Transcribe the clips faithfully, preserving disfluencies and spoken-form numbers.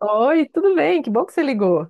Oi, tudo bem? Que bom que você ligou.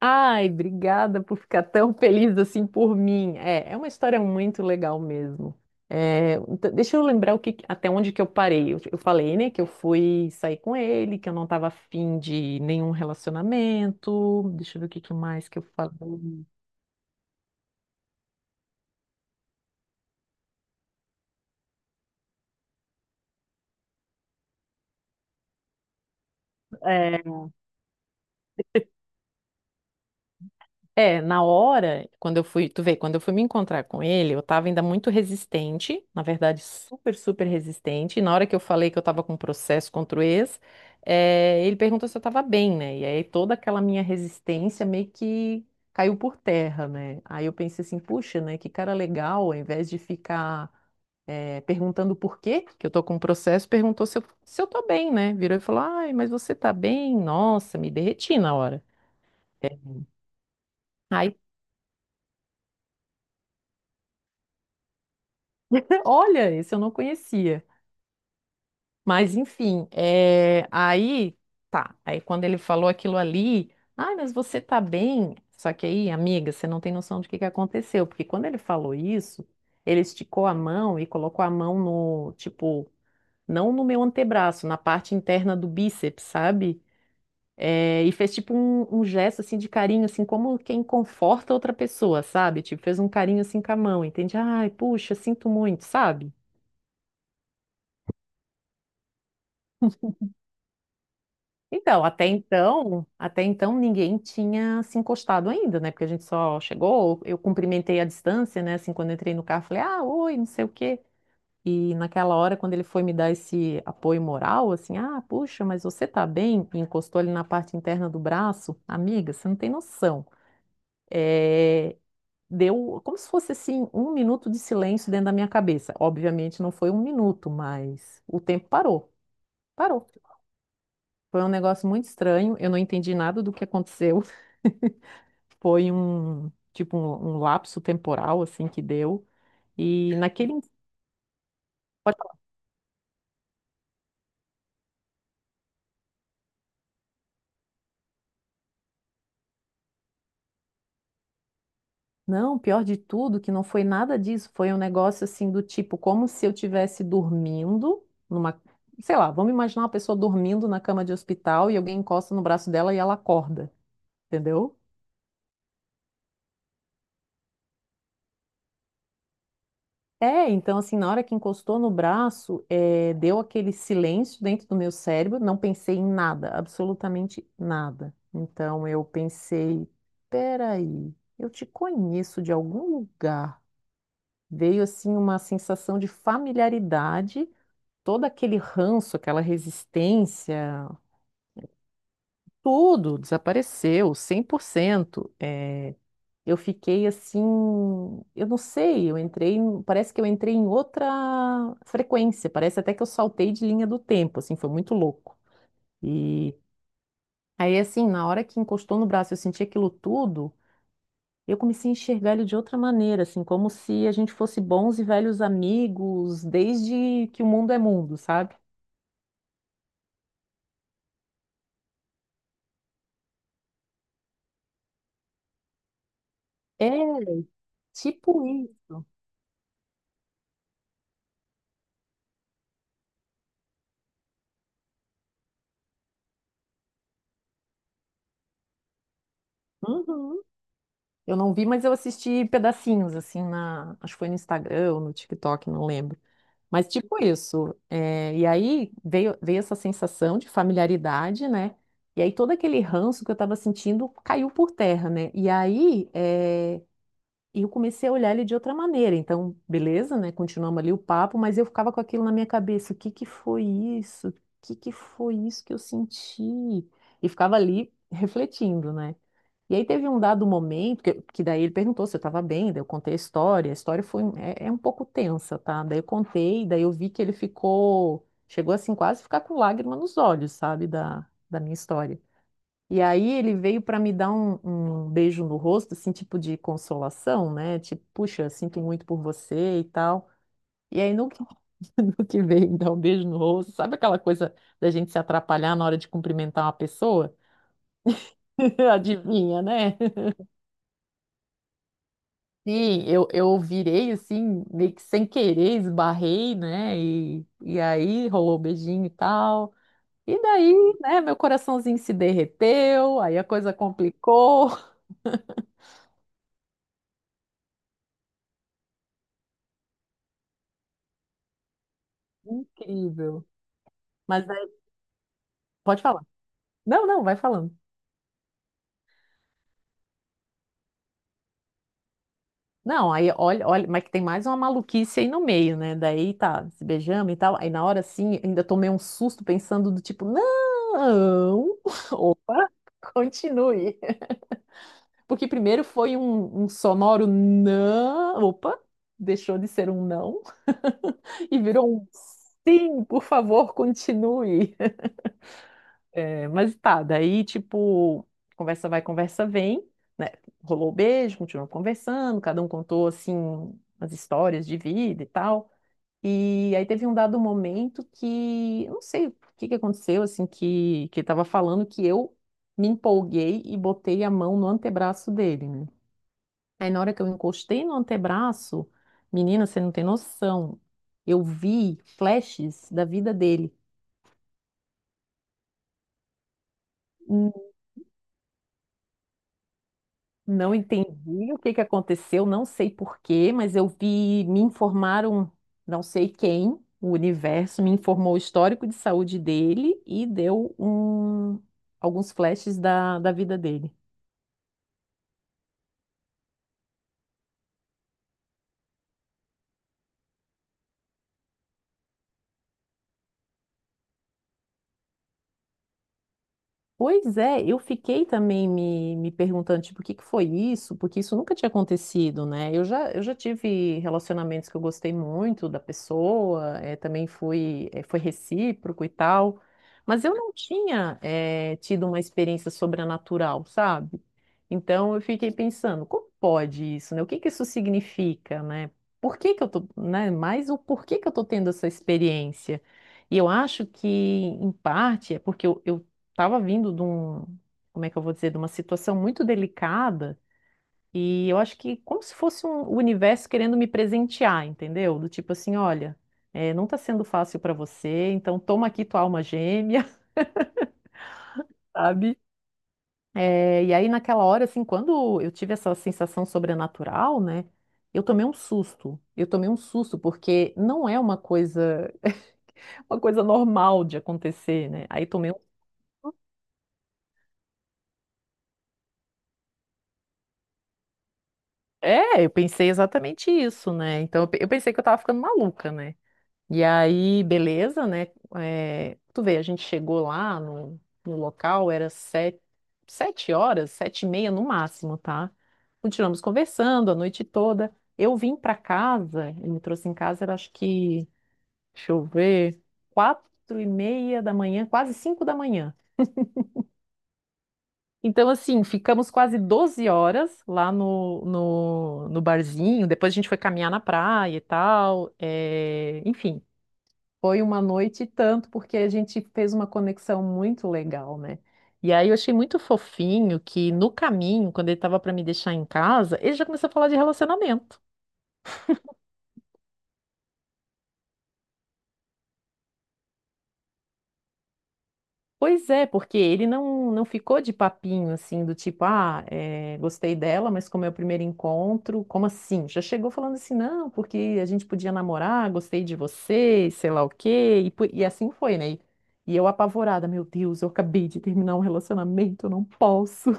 Ai, obrigada por ficar tão feliz assim por mim. É, é uma história muito legal mesmo. É, então, deixa eu lembrar o que, até onde que eu parei. Eu, eu falei, né, que eu fui sair com ele, que eu não estava afim de nenhum relacionamento. Deixa eu ver o que, que mais que eu falei. É, é, na hora, quando eu fui, tu vê, quando eu fui me encontrar com ele, eu tava ainda muito resistente, na verdade, super, super resistente. E na hora que eu falei que eu tava com um processo contra o ex, eh, ele perguntou se eu tava bem, né? E aí toda aquela minha resistência meio que caiu por terra, né? Aí eu pensei assim, puxa, né? Que cara legal, ao invés de ficar, eh, perguntando por quê que eu tô com um processo, perguntou se eu, se eu tô bem, né? Virou e falou, ai, mas você tá bem? Nossa, me derreti na hora. Aí olha, esse eu não conhecia. Mas enfim, é, aí tá. Aí quando ele falou aquilo ali, ai, mas você tá bem? Só que aí, amiga, você não tem noção do que que aconteceu, porque quando ele falou isso, ele esticou a mão e colocou a mão no, tipo, não no meu antebraço, na parte interna do bíceps, sabe? É, e fez tipo um, um gesto assim de carinho, assim como quem conforta outra pessoa, sabe? Tipo, fez um carinho assim com a mão, entende? Ai, puxa, sinto muito, sabe? Então, até então, até então ninguém tinha se encostado ainda, né? Porque a gente só chegou, eu cumprimentei à distância, né? Assim, quando eu entrei no carro, falei, ah, oi, não sei o quê. E naquela hora, quando ele foi me dar esse apoio moral, assim, ah, puxa, mas você tá bem? E encostou ali na parte interna do braço, amiga, você não tem noção. É, deu como se fosse assim um minuto de silêncio dentro da minha cabeça. Obviamente não foi um minuto, mas o tempo parou, parou. Foi um negócio muito estranho, eu não entendi nada do que aconteceu. Foi um, tipo, um, um lapso temporal, assim, que deu. E naquele. inst- pode falar. Não, pior de tudo, que não foi nada disso. Foi um negócio, assim, do tipo, como se eu estivesse dormindo numa. Sei lá, vamos imaginar uma pessoa dormindo na cama de hospital e alguém encosta no braço dela e ela acorda, entendeu? É, então assim, na hora que encostou no braço, eh, deu aquele silêncio dentro do meu cérebro, não pensei em nada, absolutamente nada. Então eu pensei, peraí, eu te conheço de algum lugar. Veio assim uma sensação de familiaridade, todo aquele ranço, aquela resistência, tudo desapareceu, cem por cento. eh, eu fiquei assim, eu não sei, eu entrei, em- parece que eu entrei em outra frequência, parece até que eu saltei de linha do tempo, assim, foi muito louco. E aí assim, na hora que encostou no braço, eu senti aquilo tudo, eu comecei a enxergar ele de outra maneira, assim, como se a gente fosse bons e velhos amigos desde que o mundo é mundo, sabe? É tipo isso. Uhum. Eu não vi, mas eu assisti pedacinhos, assim, na, acho que foi no Instagram ou no TikTok, não lembro. Mas tipo isso, é, e aí veio, veio essa sensação de familiaridade, né? E aí todo aquele ranço que eu estava sentindo caiu por terra, né? E aí é, eu comecei a olhar ele de outra maneira. Então, beleza, né? Continuamos ali o papo, mas eu ficava com aquilo na minha cabeça. O que que foi isso? O que que foi isso que eu senti? E ficava ali refletindo, né? E aí teve um dado momento que, que daí ele perguntou se eu estava bem, daí eu contei a história. A história foi um- é, é um pouco tensa, tá? Daí eu contei, daí eu vi que ele ficou, chegou assim quase a ficar com lágrima nos olhos, sabe, da, da minha história. E aí ele veio para me dar um, um beijo no rosto, assim, tipo de consolação, né? Tipo, puxa, sinto muito por você e tal. E aí no que, no que veio me dar um beijo no rosto, sabe aquela coisa da gente se atrapalhar na hora de cumprimentar uma pessoa? Adivinha, né? Sim, eu, eu virei assim, meio que sem querer, esbarrei, né? E, e aí rolou beijinho e tal. E daí, né, meu coraçãozinho se derreteu, aí a coisa complicou. Incrível. Mas daí, pode falar. Não, não, vai falando. Não, aí olha, olha, mas que tem mais uma maluquice aí no meio, né? Daí tá, se beijamos e tal. Aí na hora assim, ainda tomei um susto pensando do tipo, não, opa, continue. Porque primeiro foi um, um sonoro não. Opa, deixou de ser um não e virou um sim, por favor, continue. É, mas tá, daí tipo, conversa vai, conversa vem, né? Rolou o beijo, continuou conversando, cada um contou assim as histórias de vida e tal. E aí teve um dado momento que, eu não sei o que que aconteceu, assim, que, que ele tava falando que eu me empolguei e botei a mão no antebraço dele, né? Aí na hora que eu encostei no antebraço, menina, você não tem noção. Eu vi flashes da vida dele. Hum, Não entendi o que que aconteceu, não sei por quê, mas eu vi, me informaram, não sei quem, o universo me informou o histórico de saúde dele e deu um, alguns flashes da, da vida dele. Pois é, eu fiquei também me, me perguntando, tipo, o que que foi isso? Porque isso nunca tinha acontecido, né? Eu já, eu já tive relacionamentos que eu gostei muito da pessoa, eh, também fui, eh, foi recíproco e tal, mas eu não tinha, eh, tido uma experiência sobrenatural, sabe? Então eu fiquei pensando, como pode isso, né? O que que isso significa, né? Por que que eu tô, né? Mais o porquê que eu tô tendo essa experiência? E eu acho que, em parte, é porque eu, eu tava vindo de um, como é que eu vou dizer, de uma situação muito delicada, e eu acho que como se fosse um, o universo querendo me presentear, entendeu? Do tipo assim, olha, eh, não tá sendo fácil para você, então toma aqui tua alma gêmea, sabe? É, e aí, naquela hora, assim, quando eu tive essa sensação sobrenatural, né? Eu tomei um susto. Eu tomei um susto, porque não é uma coisa, uma coisa normal de acontecer, né? Aí tomei um. É, eu pensei exatamente isso, né? Então, eu pe- eu pensei que eu tava ficando maluca, né? E aí, beleza, né? É, tu vê, a gente chegou lá no, no local, era sete, sete horas, sete e meia no máximo, tá? Continuamos conversando a noite toda. Eu vim pra casa, ele me trouxe em casa, era acho que, deixa eu ver, quatro e meia da manhã, quase cinco da manhã. Então, assim, ficamos quase doze horas lá no, no, no barzinho. Depois a gente foi caminhar na praia e tal. É, enfim, foi uma noite e tanto, porque a gente fez uma conexão muito legal, né? E aí eu achei muito fofinho que no caminho, quando ele estava para me deixar em casa, ele já começou a falar de relacionamento. Pois é, porque ele não, não ficou de papinho assim, do tipo, ah, é, gostei dela, mas como é o primeiro encontro, como assim? Já chegou falando assim, não, porque a gente podia namorar, gostei de você, sei lá o quê, e, po- e assim foi, né? E e eu apavorada, meu Deus, eu acabei de terminar um relacionamento, eu não posso.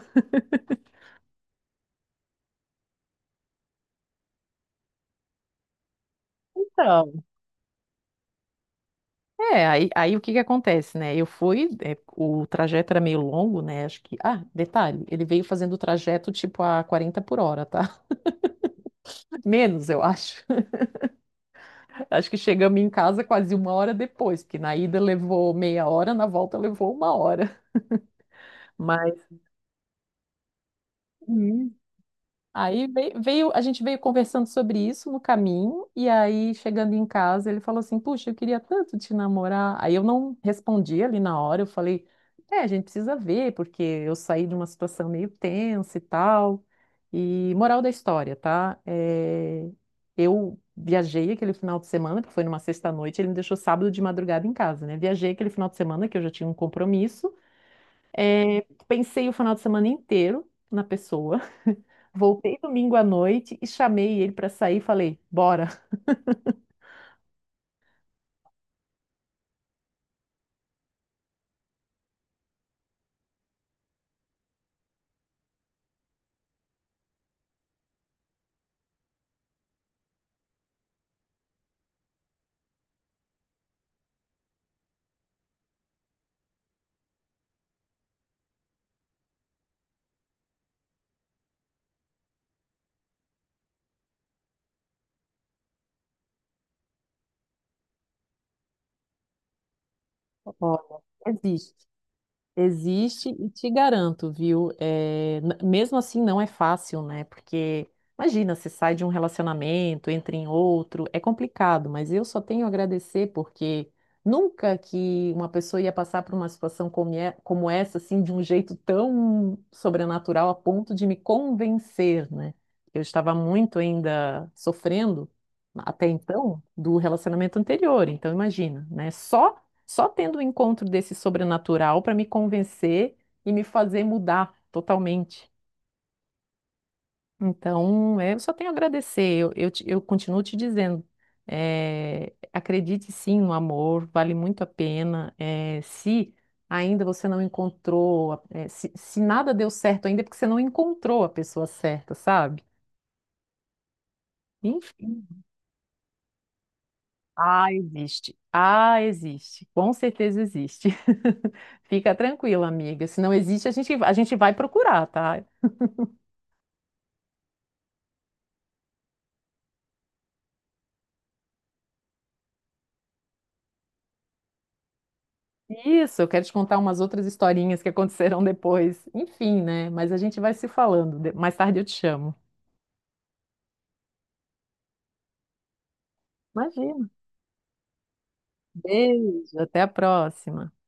É, aí, aí o que que acontece, né? Eu fui, é, o trajeto era meio longo, né? Acho que. Ah, detalhe, ele veio fazendo o trajeto tipo a quarenta por hora, tá? Menos, eu acho. Acho que chegamos em casa quase uma hora depois, porque na ida levou meia hora, na volta levou uma hora. Mas. Uhum. Aí vei- veio, a gente veio conversando sobre isso no caminho, e aí chegando em casa, ele falou assim: puxa, eu queria tanto te namorar. Aí eu não respondi ali na hora, eu falei: é, a gente precisa ver, porque eu saí de uma situação meio tensa e tal. E moral da história, tá? É, eu viajei aquele final de semana, que foi numa sexta-noite, ele me deixou sábado de madrugada em casa, né? Viajei aquele final de semana, que eu já tinha um compromisso. É, pensei o final de semana inteiro na pessoa. Voltei domingo à noite e chamei ele para sair e falei: bora, bora, existe. Existe e te garanto, viu? É, n- mesmo assim não é fácil, né? Porque imagina, você sai de um relacionamento, entra em outro, é complicado, mas eu só tenho a agradecer porque nunca que uma pessoa ia passar por uma situação como, é- como essa, assim, de um jeito tão sobrenatural a ponto de me convencer, né? Eu estava muito ainda sofrendo até então do relacionamento anterior, então imagina, né? Só só tendo o encontro desse sobrenatural para me convencer e me fazer mudar totalmente. Então, é, eu só tenho a agradecer. Eu, eu, te- eu continuo te dizendo, é, acredite sim no amor, vale muito a pena. É, se ainda você não encontrou, é, se, se nada deu certo ainda, é porque você não encontrou a pessoa certa, sabe? Enfim. Ah, existe. Ah, existe. Com certeza existe. Fica tranquila, amiga. Se não existe, a gente, a gente vai procurar, tá? Isso, eu quero te contar umas outras historinhas que aconteceram depois. Enfim, né? Mas a gente vai se falando. De- mais tarde eu te chamo. Imagina. Beijo, até a próxima.